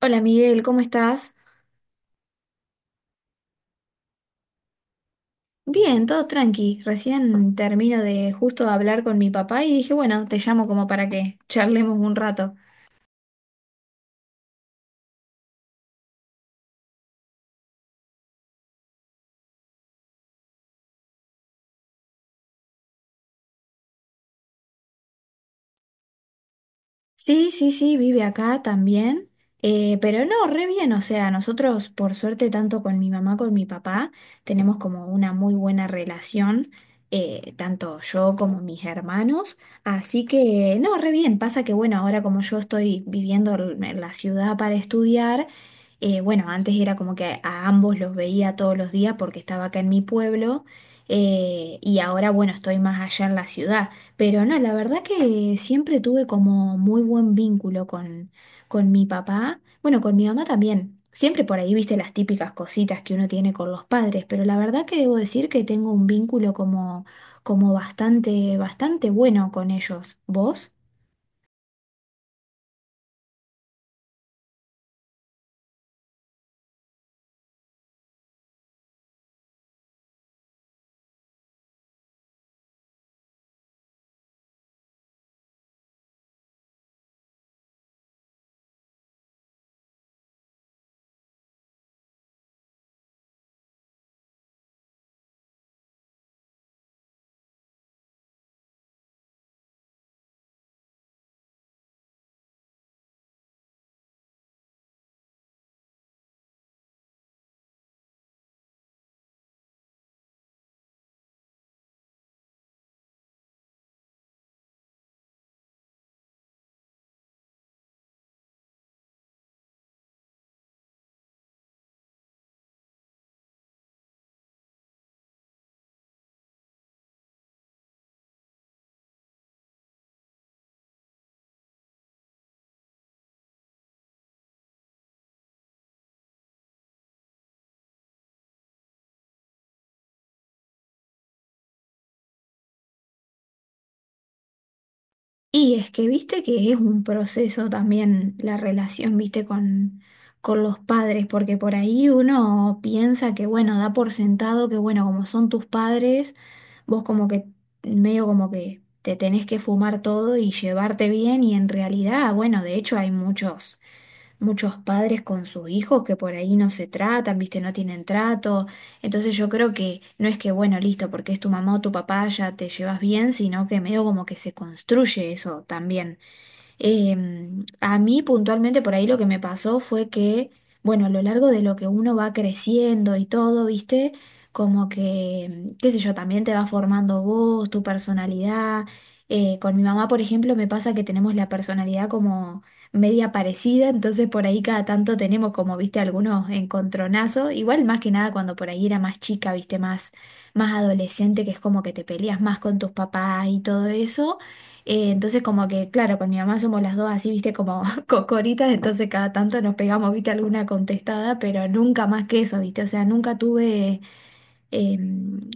Hola Miguel, ¿cómo estás? Bien, todo tranqui. Recién termino de justo hablar con mi papá y dije, bueno, te llamo como para que charlemos un rato. Sí, sí, sí, vive acá también, pero no, re bien, o sea, nosotros por suerte tanto con mi mamá, con mi papá, tenemos como una muy buena relación, tanto yo como mis hermanos, así que no, re bien, pasa que bueno, ahora como yo estoy viviendo en la ciudad para estudiar, bueno, antes era como que a ambos los veía todos los días porque estaba acá en mi pueblo, y ahora bueno, estoy más allá en la ciudad. Pero no, la verdad que siempre tuve como muy buen vínculo con mi papá, bueno, con mi mamá también. Siempre por ahí viste las típicas cositas que uno tiene con los padres, pero la verdad que debo decir que tengo un vínculo como, como bastante, bastante bueno con ellos. ¿Vos? Y es que viste que es un proceso también la relación, viste, con los padres, porque por ahí uno piensa que, bueno, da por sentado que, bueno, como son tus padres, vos como que, medio como que te tenés que fumar todo y llevarte bien, y en realidad, bueno, de hecho hay muchos padres con sus hijos que por ahí no se tratan, viste, no tienen trato. Entonces yo creo que no es que, bueno, listo, porque es tu mamá o tu papá, ya te llevas bien, sino que medio como que se construye eso también. A mí puntualmente por ahí lo que me pasó fue que, bueno, a lo largo de lo que uno va creciendo y todo, ¿viste? Como que, qué sé yo, también te va formando vos, tu personalidad. Con mi mamá, por ejemplo, me pasa que tenemos la personalidad como media parecida, entonces por ahí cada tanto tenemos como, viste, algunos encontronazos, igual más que nada cuando por ahí era más chica, viste, más, más adolescente, que es como que te peleas más con tus papás y todo eso. Entonces como que, claro, con mi mamá somos las dos así, viste, como cocoritas, entonces cada tanto nos pegamos, viste, alguna contestada, pero nunca más que eso, viste, o sea, nunca tuve eh,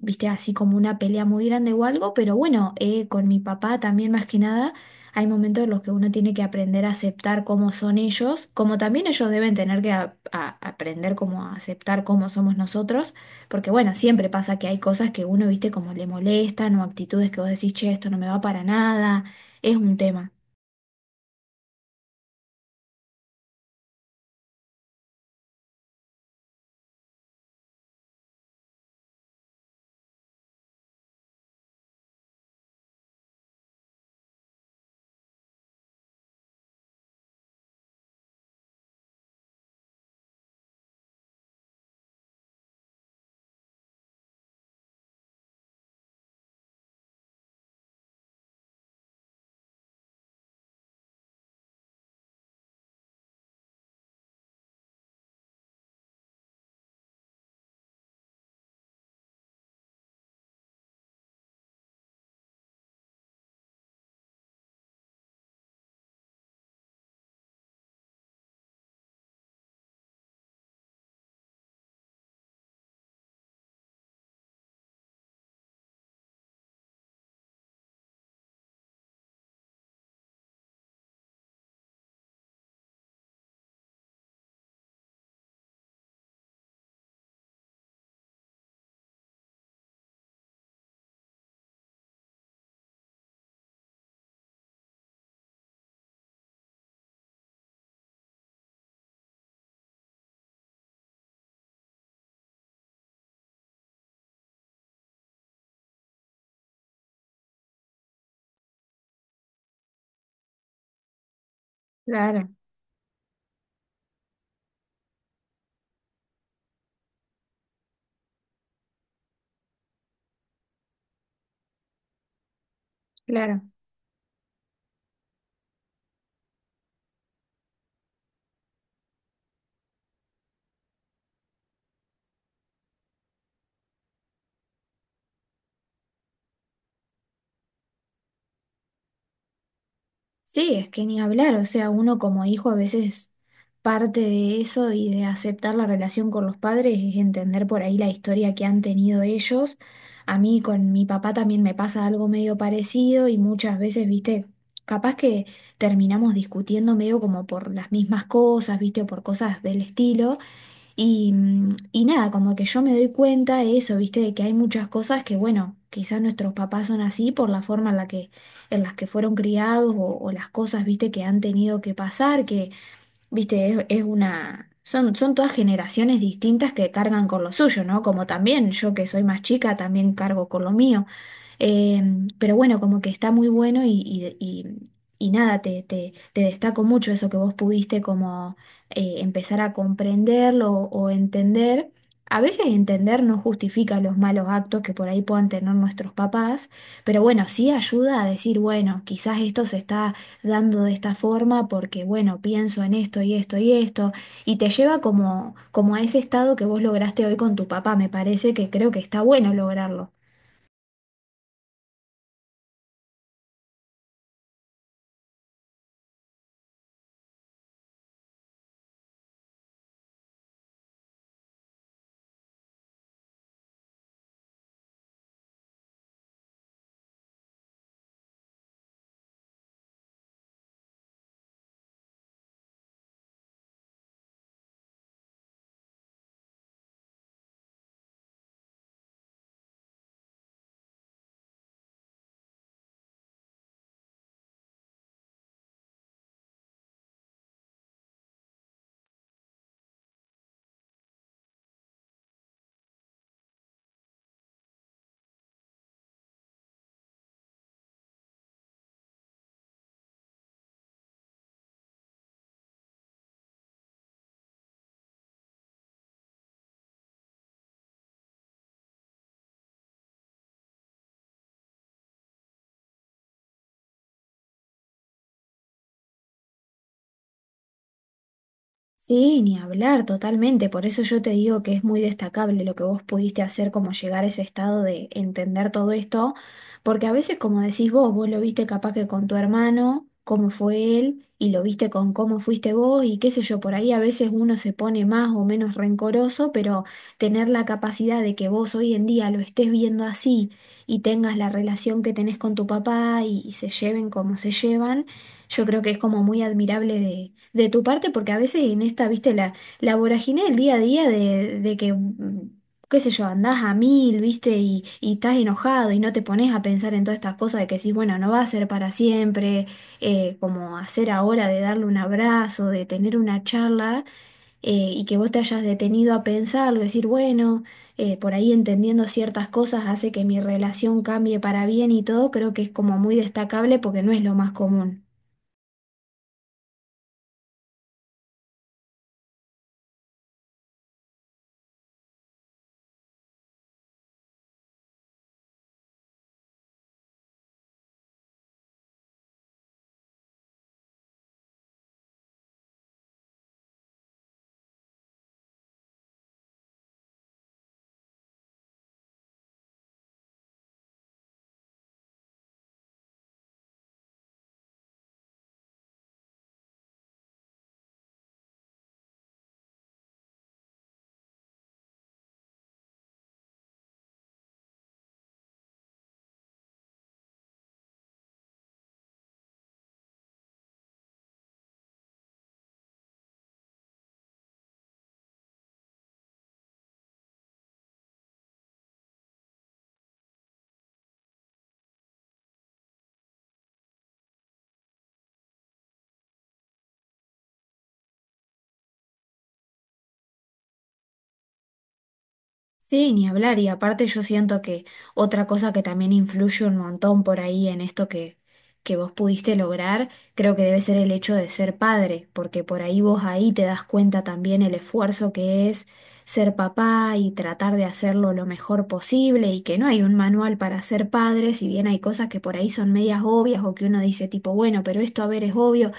viste, así como una pelea muy grande o algo, pero bueno, con mi papá también más que nada, hay momentos en los que uno tiene que aprender a aceptar cómo son ellos, como también ellos deben tener que aprender cómo a aceptar cómo somos nosotros, porque bueno, siempre pasa que hay cosas que uno, viste, como le molestan o actitudes que vos decís, che, esto no me va para nada, es un tema. Claro, claro. Sí, es que ni hablar, o sea, uno como hijo a veces parte de eso y de aceptar la relación con los padres es entender por ahí la historia que han tenido ellos. A mí con mi papá también me pasa algo medio parecido y muchas veces, viste, capaz que terminamos discutiendo medio como por las mismas cosas, viste, o por cosas del estilo. Y, y nada, como que yo me doy cuenta de eso, ¿viste? De que hay muchas cosas que, bueno, quizás nuestros papás son así por la forma en la que, en las que fueron criados o las cosas, ¿viste? Que han tenido que pasar, que, viste, es una... Son, son todas generaciones distintas que cargan con lo suyo, ¿no? Como también yo que soy más chica, también cargo con lo mío. Eh, pero bueno, como que está muy bueno y, y nada, te destaco mucho eso que vos pudiste como empezar a comprenderlo o entender. A veces entender no justifica los malos actos que por ahí puedan tener nuestros papás, pero bueno, sí ayuda a decir, bueno, quizás esto se está dando de esta forma porque, bueno, pienso en esto y esto y esto, y te lleva como, como a ese estado que vos lograste hoy con tu papá, me parece que creo que está bueno lograrlo. Sí, ni hablar totalmente, por eso yo te digo que es muy destacable lo que vos pudiste hacer, como llegar a ese estado de entender todo esto, porque a veces, como decís vos, vos lo viste capaz que con tu hermano, cómo fue él, y lo viste con cómo fuiste vos, y qué sé yo, por ahí a veces uno se pone más o menos rencoroso, pero tener la capacidad de que vos hoy en día lo estés viendo así y tengas la relación que tenés con tu papá y se lleven como se llevan. Yo creo que es como muy admirable de tu parte, porque a veces en esta, viste, la vorágine del día a día de que, qué sé yo, andás a mil, viste, y estás enojado y no te pones a pensar en todas estas cosas de que decís, bueno, no va a ser para siempre, como hacer ahora de darle un abrazo, de tener una charla, y que vos te hayas detenido a pensarlo, decir, bueno, por ahí entendiendo ciertas cosas hace que mi relación cambie para bien y todo, creo que es como muy destacable porque no es lo más común. Sí, ni hablar. Y aparte yo siento que otra cosa que también influye un montón por ahí en esto que vos pudiste lograr, creo que debe ser el hecho de ser padre, porque por ahí vos ahí te das cuenta también el esfuerzo que es ser papá y tratar de hacerlo lo mejor posible y que no hay un manual para ser padre, si bien hay cosas que por ahí son medias obvias o que uno dice tipo, bueno, pero esto a ver es obvio.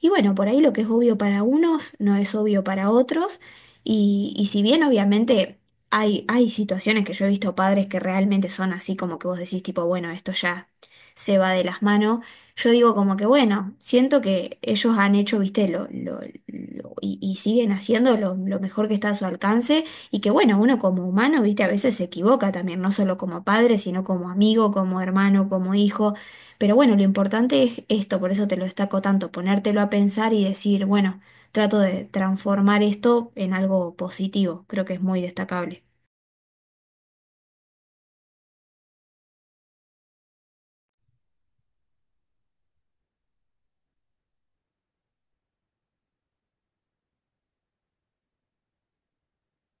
Y bueno, por ahí lo que es obvio para unos no es obvio para otros. Y si bien obviamente... Hay situaciones que yo he visto padres que realmente son así como que vos decís tipo, bueno, esto ya se va de las manos. Yo digo como que bueno, siento que ellos han hecho, viste, y siguen haciendo lo mejor que está a su alcance y que bueno, uno como humano, viste, a veces se equivoca también, no solo como padre, sino como amigo, como hermano, como hijo. Pero bueno, lo importante es esto, por eso te lo destaco tanto, ponértelo a pensar y decir, bueno, trato de transformar esto en algo positivo, creo que es muy destacable.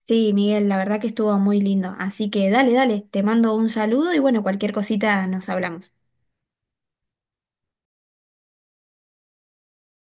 Sí, Miguel, la verdad que estuvo muy lindo. Así que dale, dale, te mando un saludo y bueno, cualquier cosita nos hablamos.